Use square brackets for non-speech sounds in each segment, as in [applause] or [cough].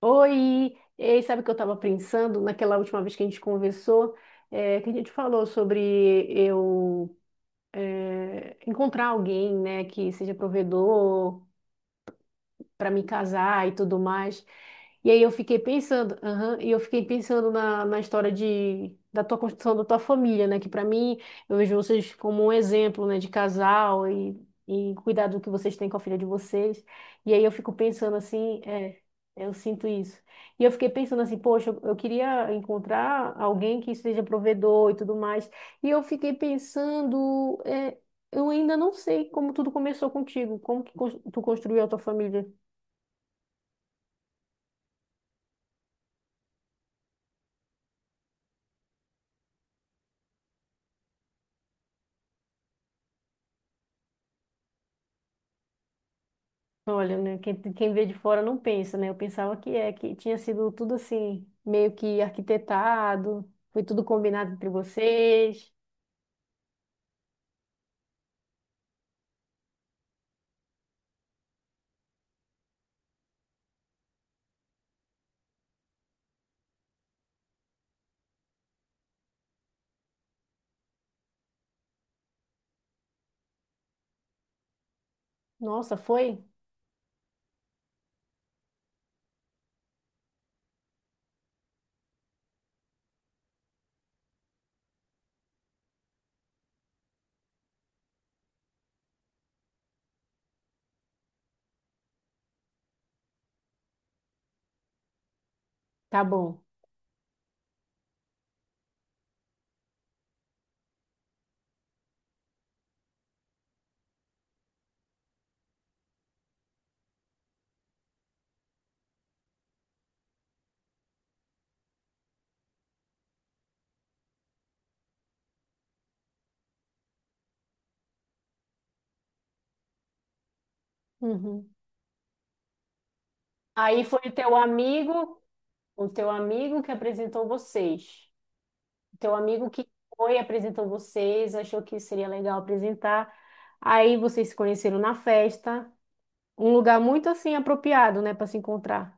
Oi! Ei, sabe o que eu estava pensando naquela última vez que a gente conversou? É, que a gente falou sobre eu encontrar alguém, né, que seja provedor, para me casar e tudo mais. E aí eu fiquei pensando, aham, e eu fiquei pensando na história da tua construção da tua família, né? Que para mim, eu vejo vocês como um exemplo, né, de casal e cuidado que vocês têm com a filha de vocês. E aí eu fico pensando assim, eu sinto isso. E eu fiquei pensando assim, poxa, eu queria encontrar alguém que seja provedor e tudo mais. E eu fiquei pensando, eu ainda não sei como tudo começou contigo, tu construiu a tua família. Olha, né, quem vê de fora não pensa, né? Eu pensava que tinha sido tudo assim, meio que arquitetado, foi tudo combinado entre vocês. Nossa, foi? Tá bom. Uhum. Aí foi o teu amigo que apresentou vocês. O teu amigo que foi, apresentou vocês, achou que seria legal apresentar. Aí vocês se conheceram na festa, um lugar muito assim apropriado, né, para se encontrar.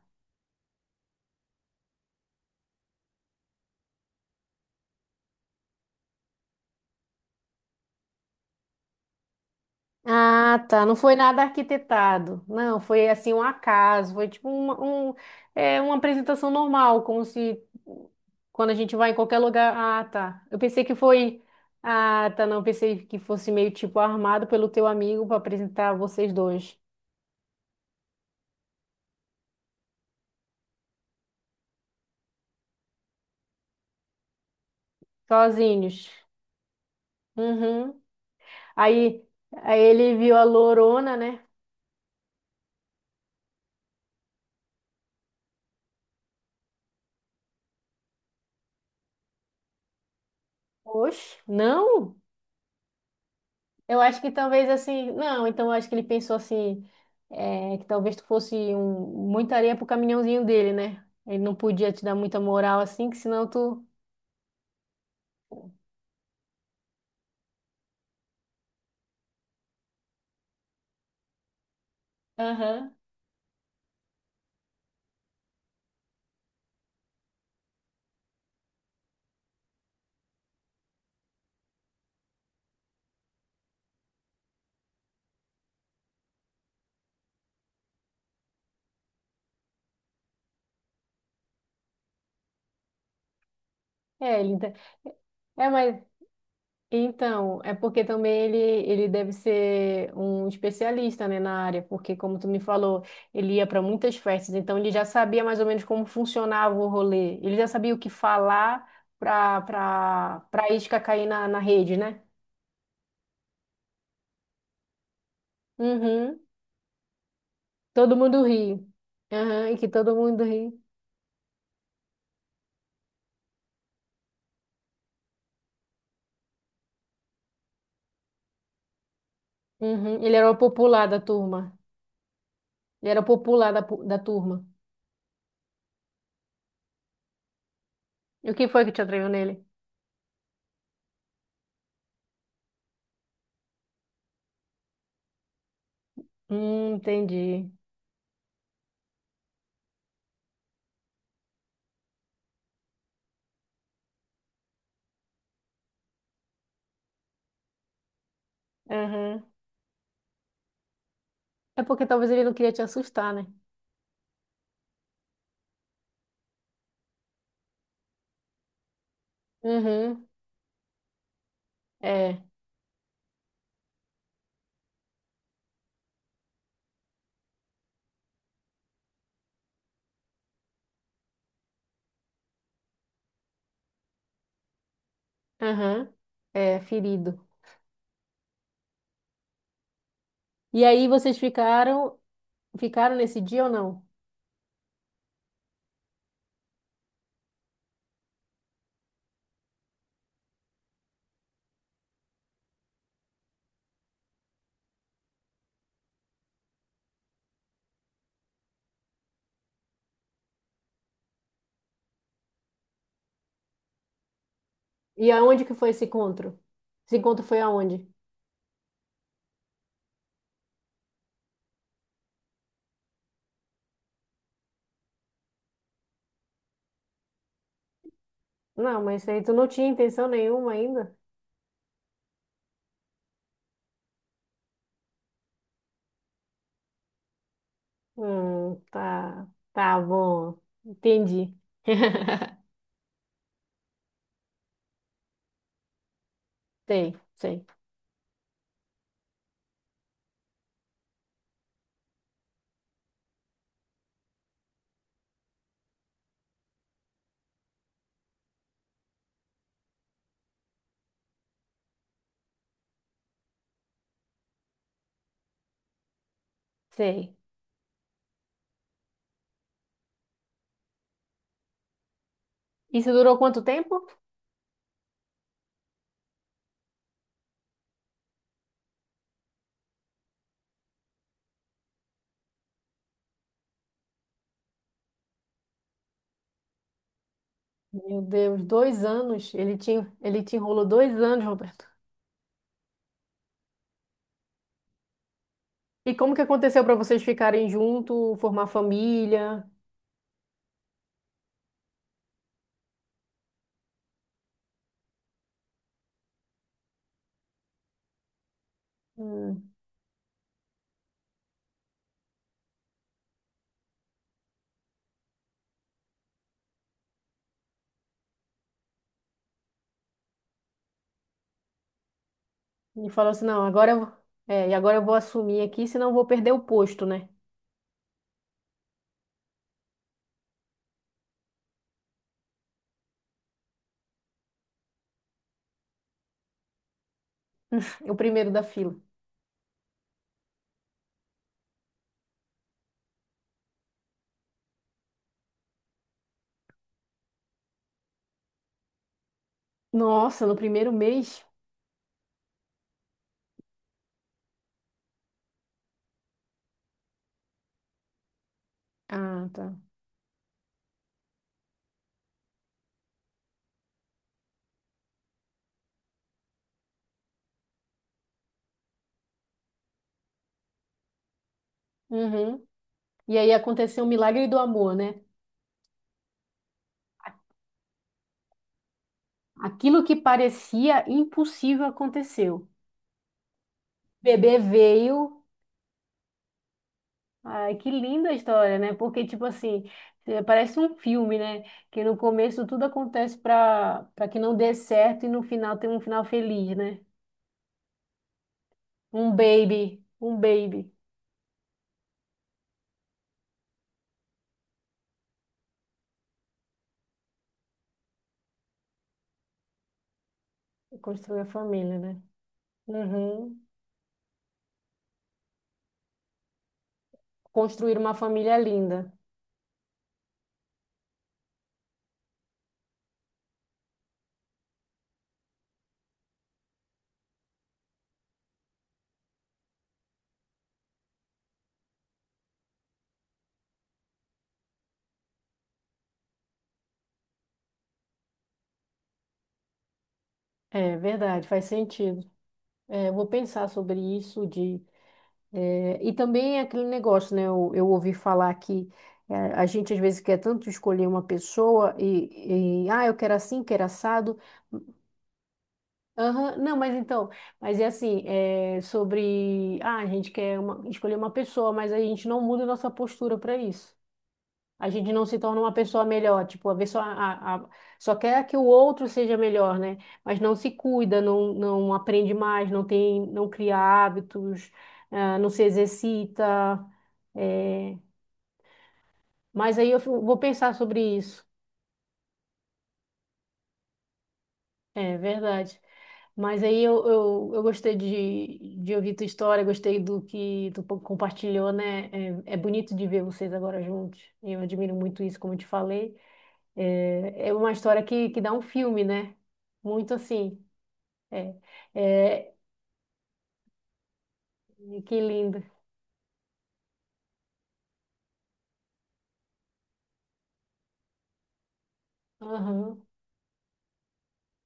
Ah, tá. Não foi nada arquitetado. Não, foi assim um acaso. Foi tipo uma, um, é, Uma apresentação normal, como se quando a gente vai em qualquer lugar. Ah, tá. Eu pensei que foi. Ah, tá. Não, eu pensei que fosse meio tipo armado pelo teu amigo para apresentar vocês dois, sozinhos. Uhum. Aí, Aí ele viu a lorona, né? Oxe, não. Eu acho que talvez assim, não, então eu acho que ele pensou assim, que talvez tu fosse um, muita areia pro caminhãozinho dele, né? Ele não podia te dar muita moral assim, que senão tu. Aham. É, ele. É, mas. Então, é porque também ele deve ser um especialista, né, na área, porque como tu me falou, ele ia para muitas festas, então ele já sabia mais ou menos como funcionava o rolê. Ele já sabia o que falar para para para isca cair na rede, né? Uhum. Todo mundo ri. Aham, e que todo mundo ri. Uhum. Ele era o popular da turma. Ele era o popular da, pu- Da turma. E o que foi que te atraiu nele? Entendi. Aham. É porque talvez ele não queria te assustar, né? Uhum. É. Aham. É, ferido. E aí vocês ficaram, ficaram nesse dia ou não? E aonde que foi esse encontro? Esse encontro foi aonde? Não, mas aí tu não tinha intenção nenhuma ainda? Tá. Tá bom. Entendi. [laughs] Sei, sei, sei. Isso durou quanto tempo? Meu Deus, dois anos. Ele te enrolou dois anos, Roberto. E como que aconteceu para vocês ficarem junto, formar família? Hum. Ele falou assim, não, agora eu, é, E agora eu vou assumir aqui, senão eu vou perder o posto, né? O primeiro da fila. Nossa, no primeiro mês? Ah, tá. Uhum. E aí aconteceu o milagre do amor, né? Aquilo que parecia impossível aconteceu. Bebê veio. Ai, que linda a história, né? Porque, tipo assim, parece um filme, né? Que no começo tudo acontece para que não dê certo e no final tem um final feliz, né? Um baby, um baby. Construir a família, né? Uhum. Construir uma família linda. É verdade, faz sentido. É, eu vou pensar sobre isso de... e também é aquele negócio, né? Eu ouvi falar que a gente às vezes quer tanto escolher uma pessoa e... Ah, eu quero assim, quero assado. Aham. Não, mas então, mas é assim, é sobre, ah, a gente quer uma- escolher uma pessoa, mas a gente não muda nossa postura para isso. A gente não se torna uma pessoa melhor, tipo, a pessoa a- só quer que o outro seja melhor, né? Mas não se cuida, não aprende mais, não tem, não cria hábitos, ah, não se exercita. É. Mas aí eu vou pensar sobre isso. É verdade. Mas aí eu gostei de ouvir tua história, gostei do que compartilhou, né? É, é bonito de ver vocês agora juntos. Eu admiro muito isso, como eu te falei. É, é uma que dá um filme, né? Muito assim. É, é, que lindo. Aham,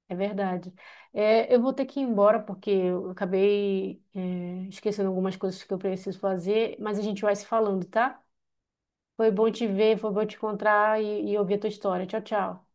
é verdade. É, eu vou ter que ir embora porque eu acabei, esquecendo algumas coisas que eu preciso fazer, mas a gente vai se falando, tá? Foi bom te ver, foi bom te encontrar e ouvir a tua história. Tchau, tchau.